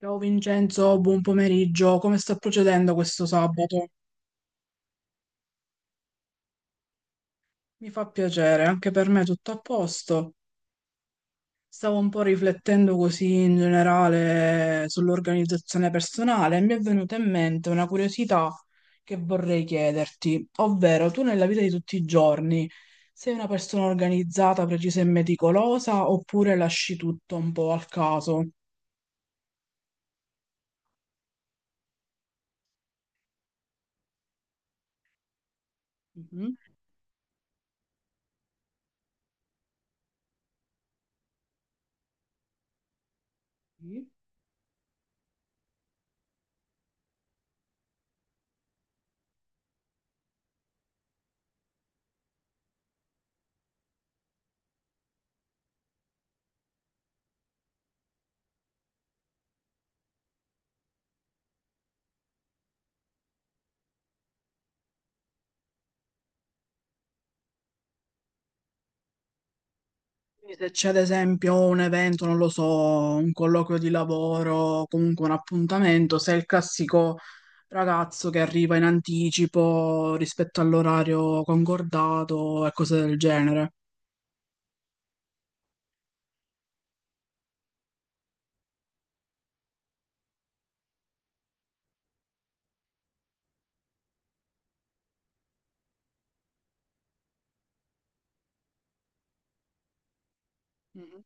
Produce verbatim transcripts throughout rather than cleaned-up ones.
Ciao Vincenzo, buon pomeriggio. Come sta procedendo questo sabato? Mi fa piacere, anche per me tutto a posto. Stavo un po' riflettendo così in generale sull'organizzazione personale e mi è venuta in mente una curiosità che vorrei chiederti, ovvero tu nella vita di tutti i giorni sei una persona organizzata, precisa e meticolosa oppure lasci tutto un po' al caso? Mhm. Sì. Quindi Se c'è ad esempio un evento, non lo so, un colloquio di lavoro, comunque un appuntamento, sei il classico ragazzo che arriva in anticipo rispetto all'orario concordato e cose del genere. Mhm.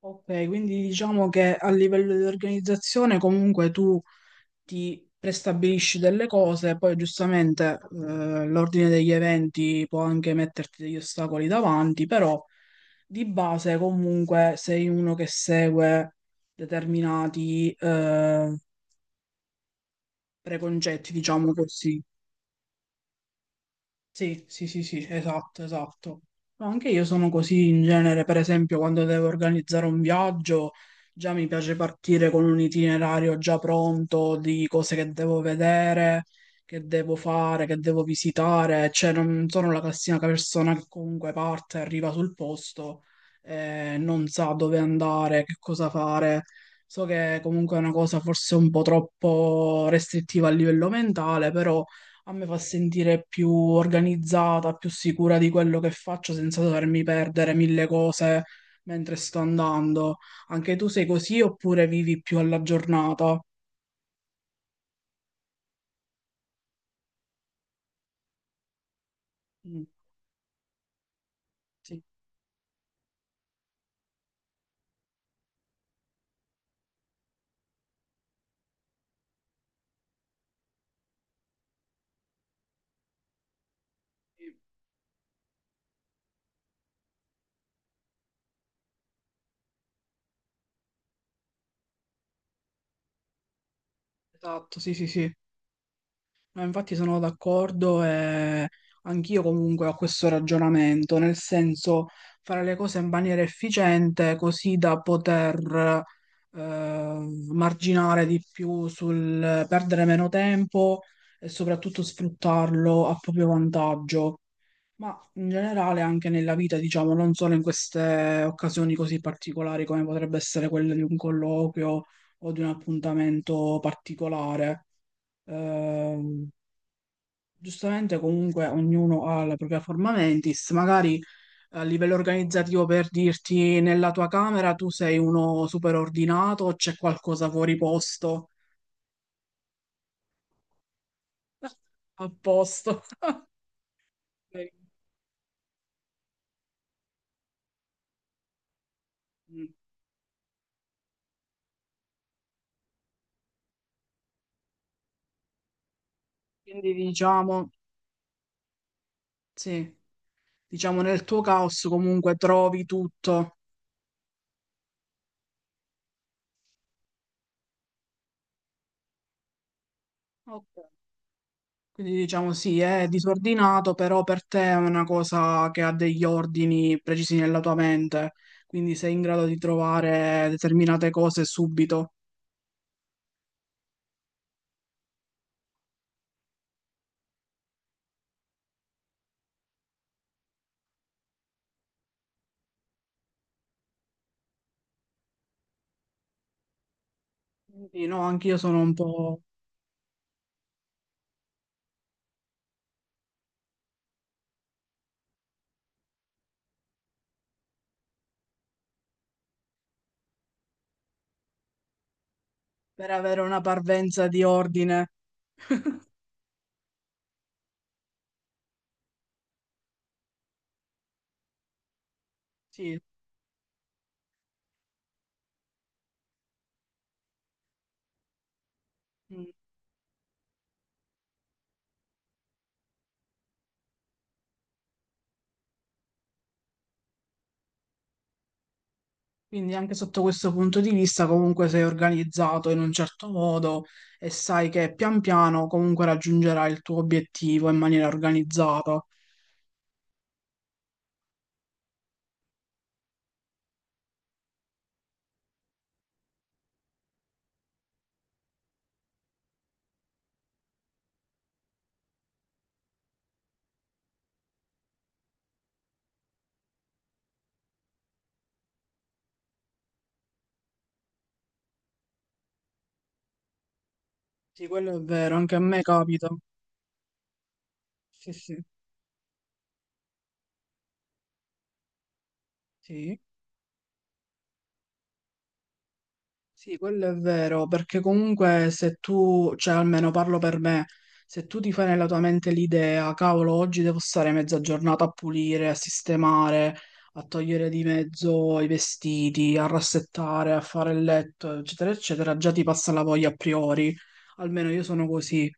Ok, quindi diciamo che a livello di organizzazione comunque tu ti prestabilisci delle cose, poi giustamente eh, l'ordine degli eventi può anche metterti degli ostacoli davanti, però di base comunque sei uno che segue determinati eh, preconcetti, diciamo così. Sì, sì, sì, sì, esatto, esatto. No, Anche io sono così in genere, per esempio, quando devo organizzare un viaggio, già mi piace partire con un itinerario già pronto di cose che devo vedere, che devo fare, che devo visitare, cioè non sono la classica persona che comunque parte, arriva sul posto, eh, non sa dove andare, che cosa fare. So che comunque è una cosa forse un po' troppo restrittiva a livello mentale, però a me fa sentire più organizzata, più sicura di quello che faccio senza dovermi perdere mille cose mentre sto andando. Anche tu sei così oppure vivi più alla giornata? Mm, sì, sì, esatto, sì, sì, sì. No, infatti sono d'accordo e anch'io comunque ho questo ragionamento, nel senso fare le cose in maniera efficiente così da poter eh, marginare di più sul perdere meno tempo e soprattutto sfruttarlo a proprio vantaggio, ma in generale anche nella vita, diciamo, non solo in queste occasioni così particolari come potrebbe essere quella di un colloquio o di un appuntamento particolare. Ehm, Giustamente comunque ognuno ha la propria forma mentis, magari a livello organizzativo per dirti nella tua camera tu sei uno super ordinato o c'è qualcosa fuori posto? A posto. Mm. Quindi diciamo, sì, diciamo nel tuo caos comunque trovi tutto. Ok. Quindi diciamo sì, è disordinato, però per te è una cosa che ha degli ordini precisi nella tua mente, quindi sei in grado di trovare determinate cose subito. Quindi no, anch'io sono un po' per avere una parvenza di ordine, sì. Mm. Quindi anche sotto questo punto di vista comunque sei organizzato in un certo modo e sai che pian piano comunque raggiungerai il tuo obiettivo in maniera organizzata. Sì, quello è vero, anche a me capita. Sì, sì, sì. Sì, quello è vero, perché comunque se tu, cioè almeno parlo per me, se tu ti fai nella tua mente l'idea, cavolo, oggi devo stare mezza giornata a pulire, a sistemare, a togliere di mezzo i vestiti, a rassettare, a fare il letto, eccetera, eccetera, già ti passa la voglia a priori. Almeno io sono così,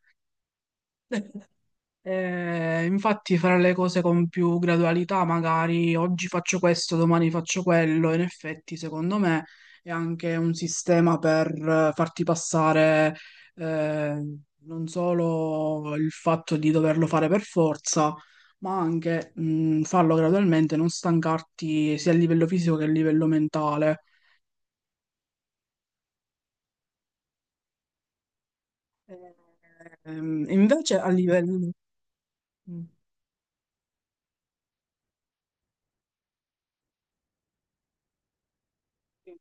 eh, infatti fare le cose con più gradualità, magari oggi faccio questo, domani faccio quello, in effetti secondo me è anche un sistema per eh, farti passare eh, non solo il fatto di doverlo fare per forza, ma anche mh, farlo gradualmente, non stancarti sia a livello fisico che a livello mentale. Eh, ehm, invece a livello... mm, Sì,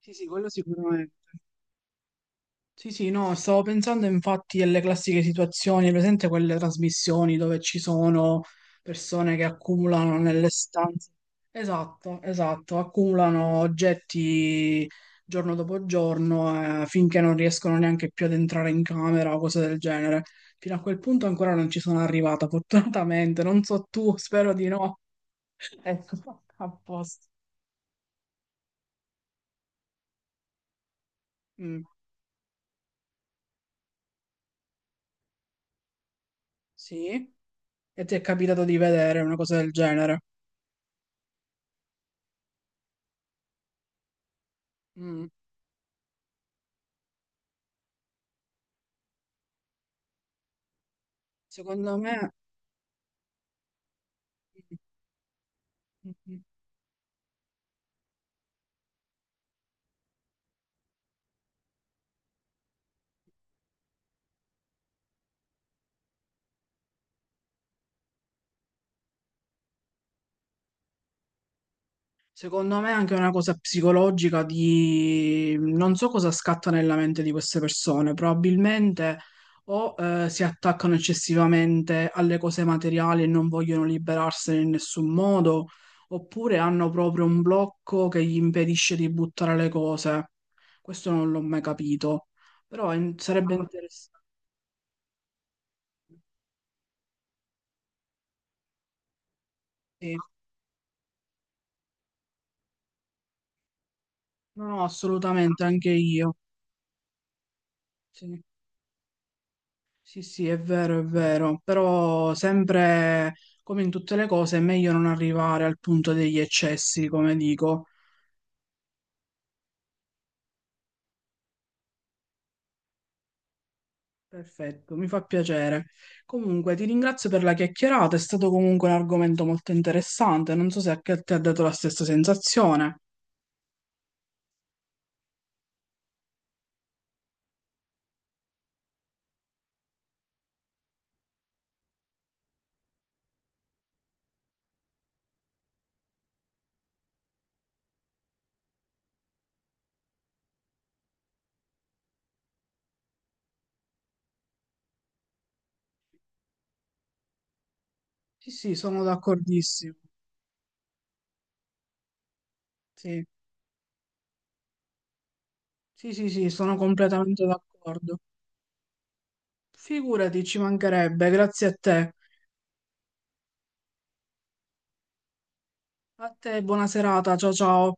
sì, sì, quello sicuramente. Sì, sì, no, stavo pensando infatti alle classiche situazioni, hai presente quelle trasmissioni dove ci sono persone che accumulano nelle stanze. Esatto, esatto, accumulano oggetti giorno dopo giorno eh, finché non riescono neanche più ad entrare in camera o cose del genere. Fino a quel punto ancora non ci sono arrivata, fortunatamente, non so tu, spero di no. Ecco, a posto. Mm, sì, e ti è capitato di vedere una cosa del genere? Mm, secondo me. Secondo me è anche una cosa psicologica di non so cosa scatta nella mente di queste persone, probabilmente o eh, si attaccano eccessivamente alle cose materiali e non vogliono liberarsene in nessun modo, oppure hanno proprio un blocco che gli impedisce di buttare le cose. Questo non l'ho mai capito, però in- sarebbe interessante. Sì. No, no, assolutamente, anche io. Sì. Sì, sì, è vero, è vero, però sempre come in tutte le cose è meglio non arrivare al punto degli eccessi, come dico. Perfetto, mi fa piacere. Comunque, ti ringrazio per la chiacchierata, è stato comunque un argomento molto interessante, non so se anche a te ha dato la stessa sensazione. Sì, sì, sono d'accordissimo. Sì, sì, sì, sì, sono completamente d'accordo. Figurati, ci mancherebbe, grazie a te. A te, buona serata, ciao ciao.